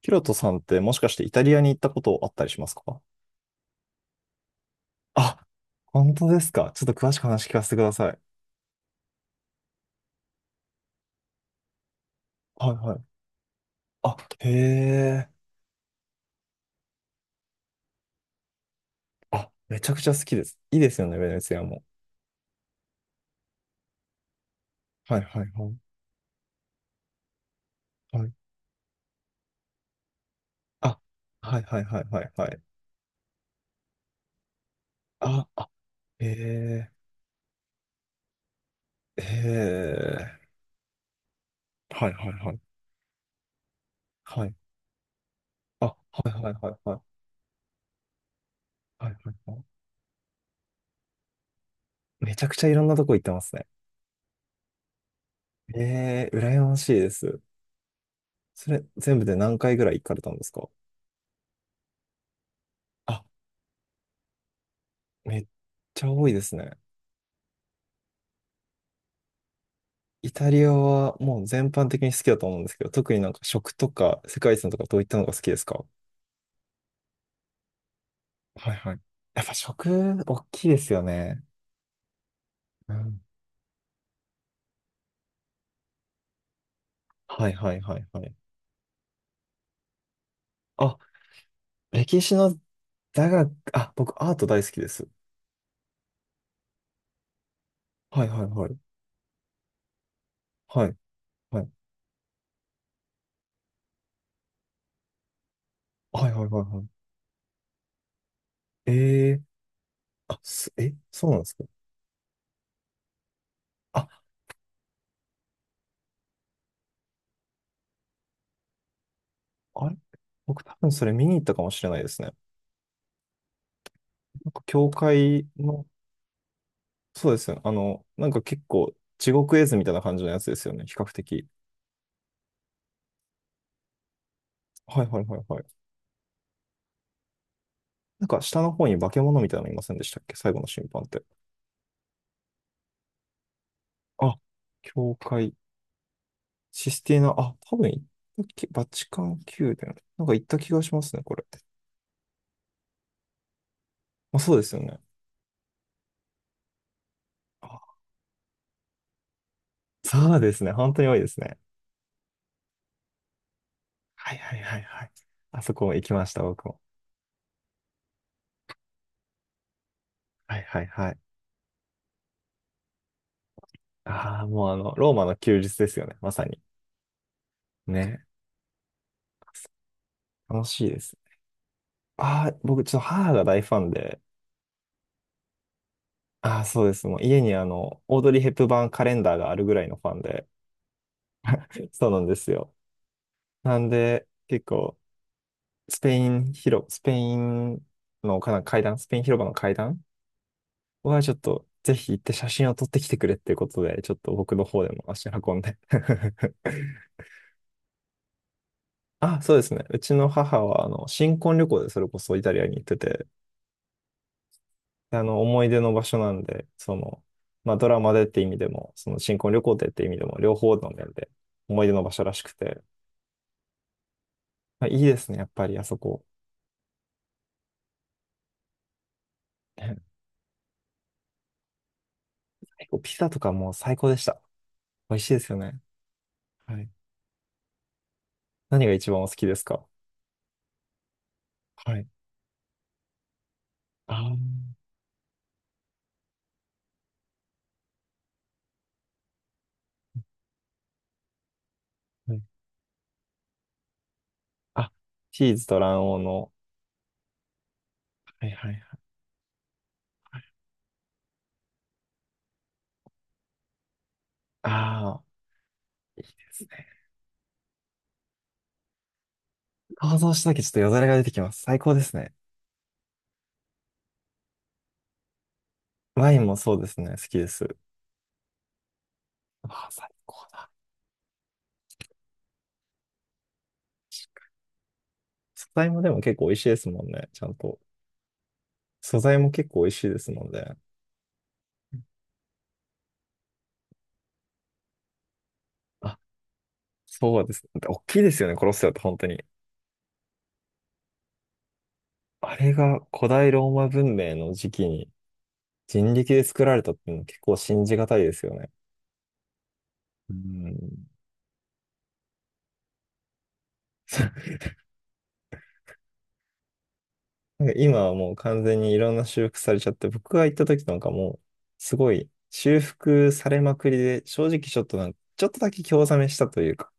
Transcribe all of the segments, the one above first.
ヒロトさんってもしかしてイタリアに行ったことあったりしますか？あ、本当ですか。ちょっと詳しく話聞かせてください。はいはい。あ、へえ。あ、めちゃくちゃ好きです。いいですよね、ベネツィアも。はいはいはい。はい。あ、はいはいはいはいはい。あ、あ、へえ。へえ。はいはいはい。はい。あ、はいはいはいはい。はいはいはい。めちゃくちゃいろんなとこ行ってますね。ええ、羨ましいです。それ、全部で何回ぐらい行かれたんですか？あ、めっちゃ多いですね。イタリアはもう全般的に好きだと思うんですけど、特になんか食とか世界遺産とかどういったのが好きですか？はいはい。やっぱ食、大きいですよね。うん。はいはいはいはい。あ、歴史の座学、あ、僕アート大好きです。はいはいはい。はい、はい。はいはいはいはい。ええー、あ、そうなんですか？あ、あれ僕多分それ見に行ったかもしれないですね。なんか教会の、そうですね。あの、なんか結構地獄絵図みたいな感じのやつですよね。比較的。はいはいはいはい。なんか下の方に化け物みたいなのいませんでしたっけ、最後の審判って。あ、教会、システィーナ、あ、多分行ったき、バチカン宮殿。なんか行った気がしますね、これ。まあ、そうですよね。あ、そうですね。本当に多いですね。はいはいはいはい。あそこ行きました、僕も。はいはいはい。ああ、もうあの、ローマの休日ですよね、まさに。ね。楽しいです。ああ、僕ちょっと母が大ファンで、ああ、そうです。もう家にあの、オードリー・ヘップバーンカレンダーがあるぐらいのファンで、そうなんですよ。なんで、結構、スペイン広、スペインのかな階段、スペイン広場の階段はちょっと、ぜひ行って写真を撮ってきてくれっていうことで、ちょっと僕の方でも足運んで あ、そうですね。うちの母は、あの、新婚旅行でそれこそイタリアに行ってて、あの、思い出の場所なんで、その、まあ、ドラマでって意味でも、その新婚旅行でって意味でも、両方の面で思い出の場所らしくて、まあ、いいですね、やっぱりあそこ。ね。結構ピザとかも最高でした。美味しいですよね。はい。何が一番お好きですか？はい。あー、はい。あ、チーズと卵黄の。はいはいはいはい。ああ、いいですね。想像しただけちょっとよだれが出てきます。最高ですね。ワインもそうですね。好きです。ああ、最高だ。素材もでも結構美味しいですもんね。ちゃんと。素材も結構美味しいですもんね。あ、そうです。大きいですよね、コロッセオって本当に。あれが古代ローマ文明の時期に人力で作られたっていうの結構信じがたいですよね。うん。なんか今はもう完全にいろんな修復されちゃって、僕が行った時なんかもう、すごい修復されまくりで、正直ちょっとなんか、ちょっとだけ興ざめしたというか、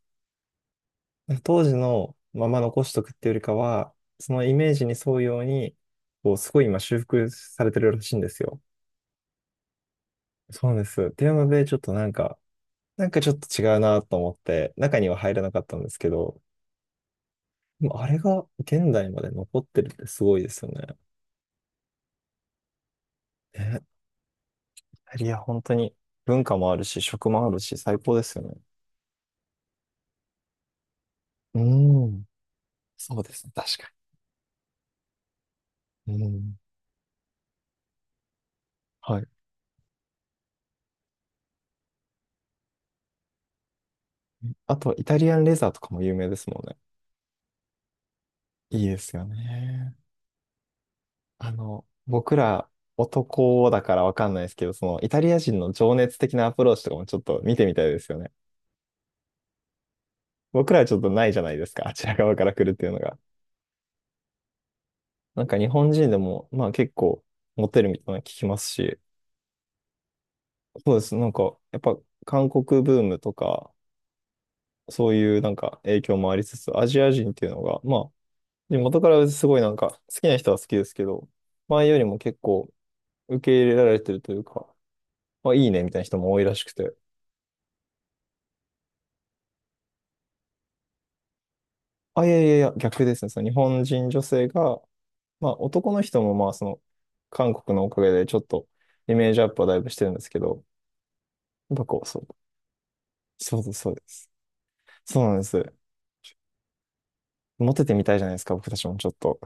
当時のまま残しとくっていうよりかは、そのイメージに沿うように、こう、すごい今修復されてるらしいんですよ。そうです。っていうので、ちょっとなんか、なんかちょっと違うなと思って、中には入らなかったんですけど、でもあれが現代まで残ってるってすごいですよね。ね。イタリア本当に文化もあるし、食もあるし、最高ですよね。うん。そうですね。確かに。うん。はい。あと、イタリアンレザーとかも有名ですもんね。いいですよね。あの、僕ら男だからわかんないですけど、そのイタリア人の情熱的なアプローチとかもちょっと見てみたいですよね。僕らはちょっとないじゃないですか、あちら側から来るっていうのが。なんか日本人でも、まあ結構モテるみたいなの聞きますし、そうです。なんか、やっぱ韓国ブームとか、そういうなんか影響もありつつ、アジア人っていうのが、まあ、で元からすごいなんか好きな人は好きですけど、前よりも結構受け入れられてるというか、まあいいねみたいな人も多いらしくて。あ、いやいやいや、逆ですね。その日本人女性が、まあ男の人もまあその韓国のおかげでちょっとイメージアップはだいぶしてるんですけど、やっぱこう、そう、そうですそうです。そうなんです。モテてみたいじゃないですか、僕たちもちょっと。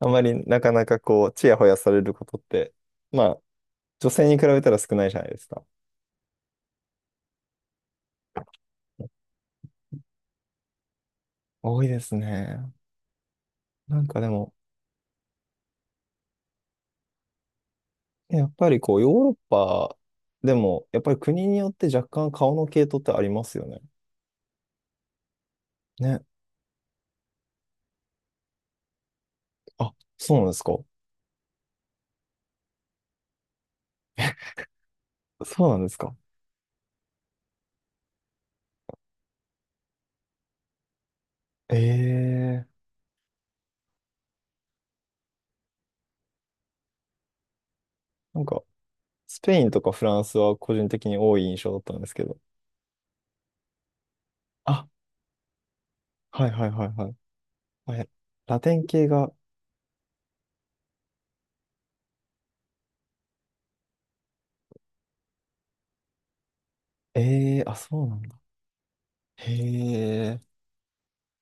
あまりなかなかこう、ちやほやされることって、まあ、女性に比べたら少ないじゃないですか。多いですね。なんかでも、ね、やっぱりこう、ヨーロッパでも、やっぱり国によって若干顔の系統ってありますよね。ね。あ、そうなんですか。そうなんですか。ええ、なんか、スペインとかフランスは個人的に多い印象だったんですけど。あ、はいはいはいはい。はい、ラテン系が、ええ、あ、そうなんだ。へえ。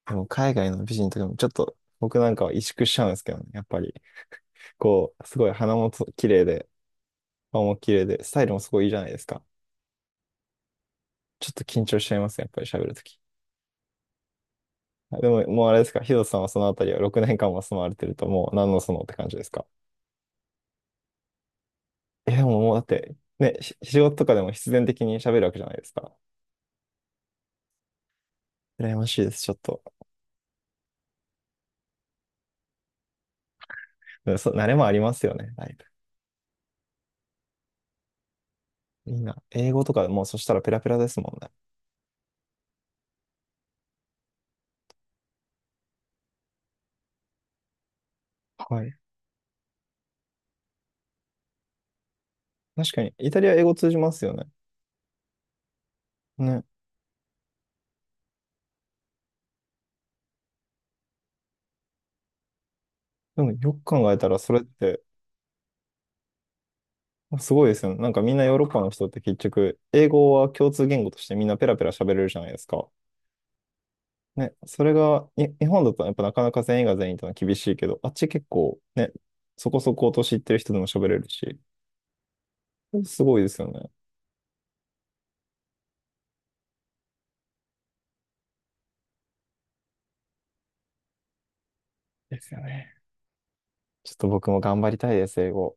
でも海外の美人とかもちょっと僕なんかは萎縮しちゃうんですけどね。やっぱり。こうすごい鼻もと綺麗で、顔も綺麗で、スタイルもすごいいいじゃないですか。ちょっと緊張しちゃいますね、やっぱり喋るとき。でも、もうあれですか、ヒロさんはそのあたりは6年間も住まわれてると、もう何のそのって感じですか。え、でももうだって、ね、仕事とかでも必然的に喋るわけじゃないですか。羨ましいです、ちょっと。うんそう、慣れもありますよね、だいぶ。いいな。英語とかもうそしたらペラペラですもんね。はい。確かに、イタリア英語通じますよね。ね。でもよく考えたら、それってすごいですよね。なんかみんなヨーロッパの人って結局、英語は共通言語としてみんなペラペラ喋れるじゃないですか。ね、それが、日本だとやっぱなかなか全員が全員ってのは厳しいけど、あっち結構ね、そこそこ年いってる人でも喋れるし、すごいですよね。ですよね。ちょっと僕も頑張りたいです、英語。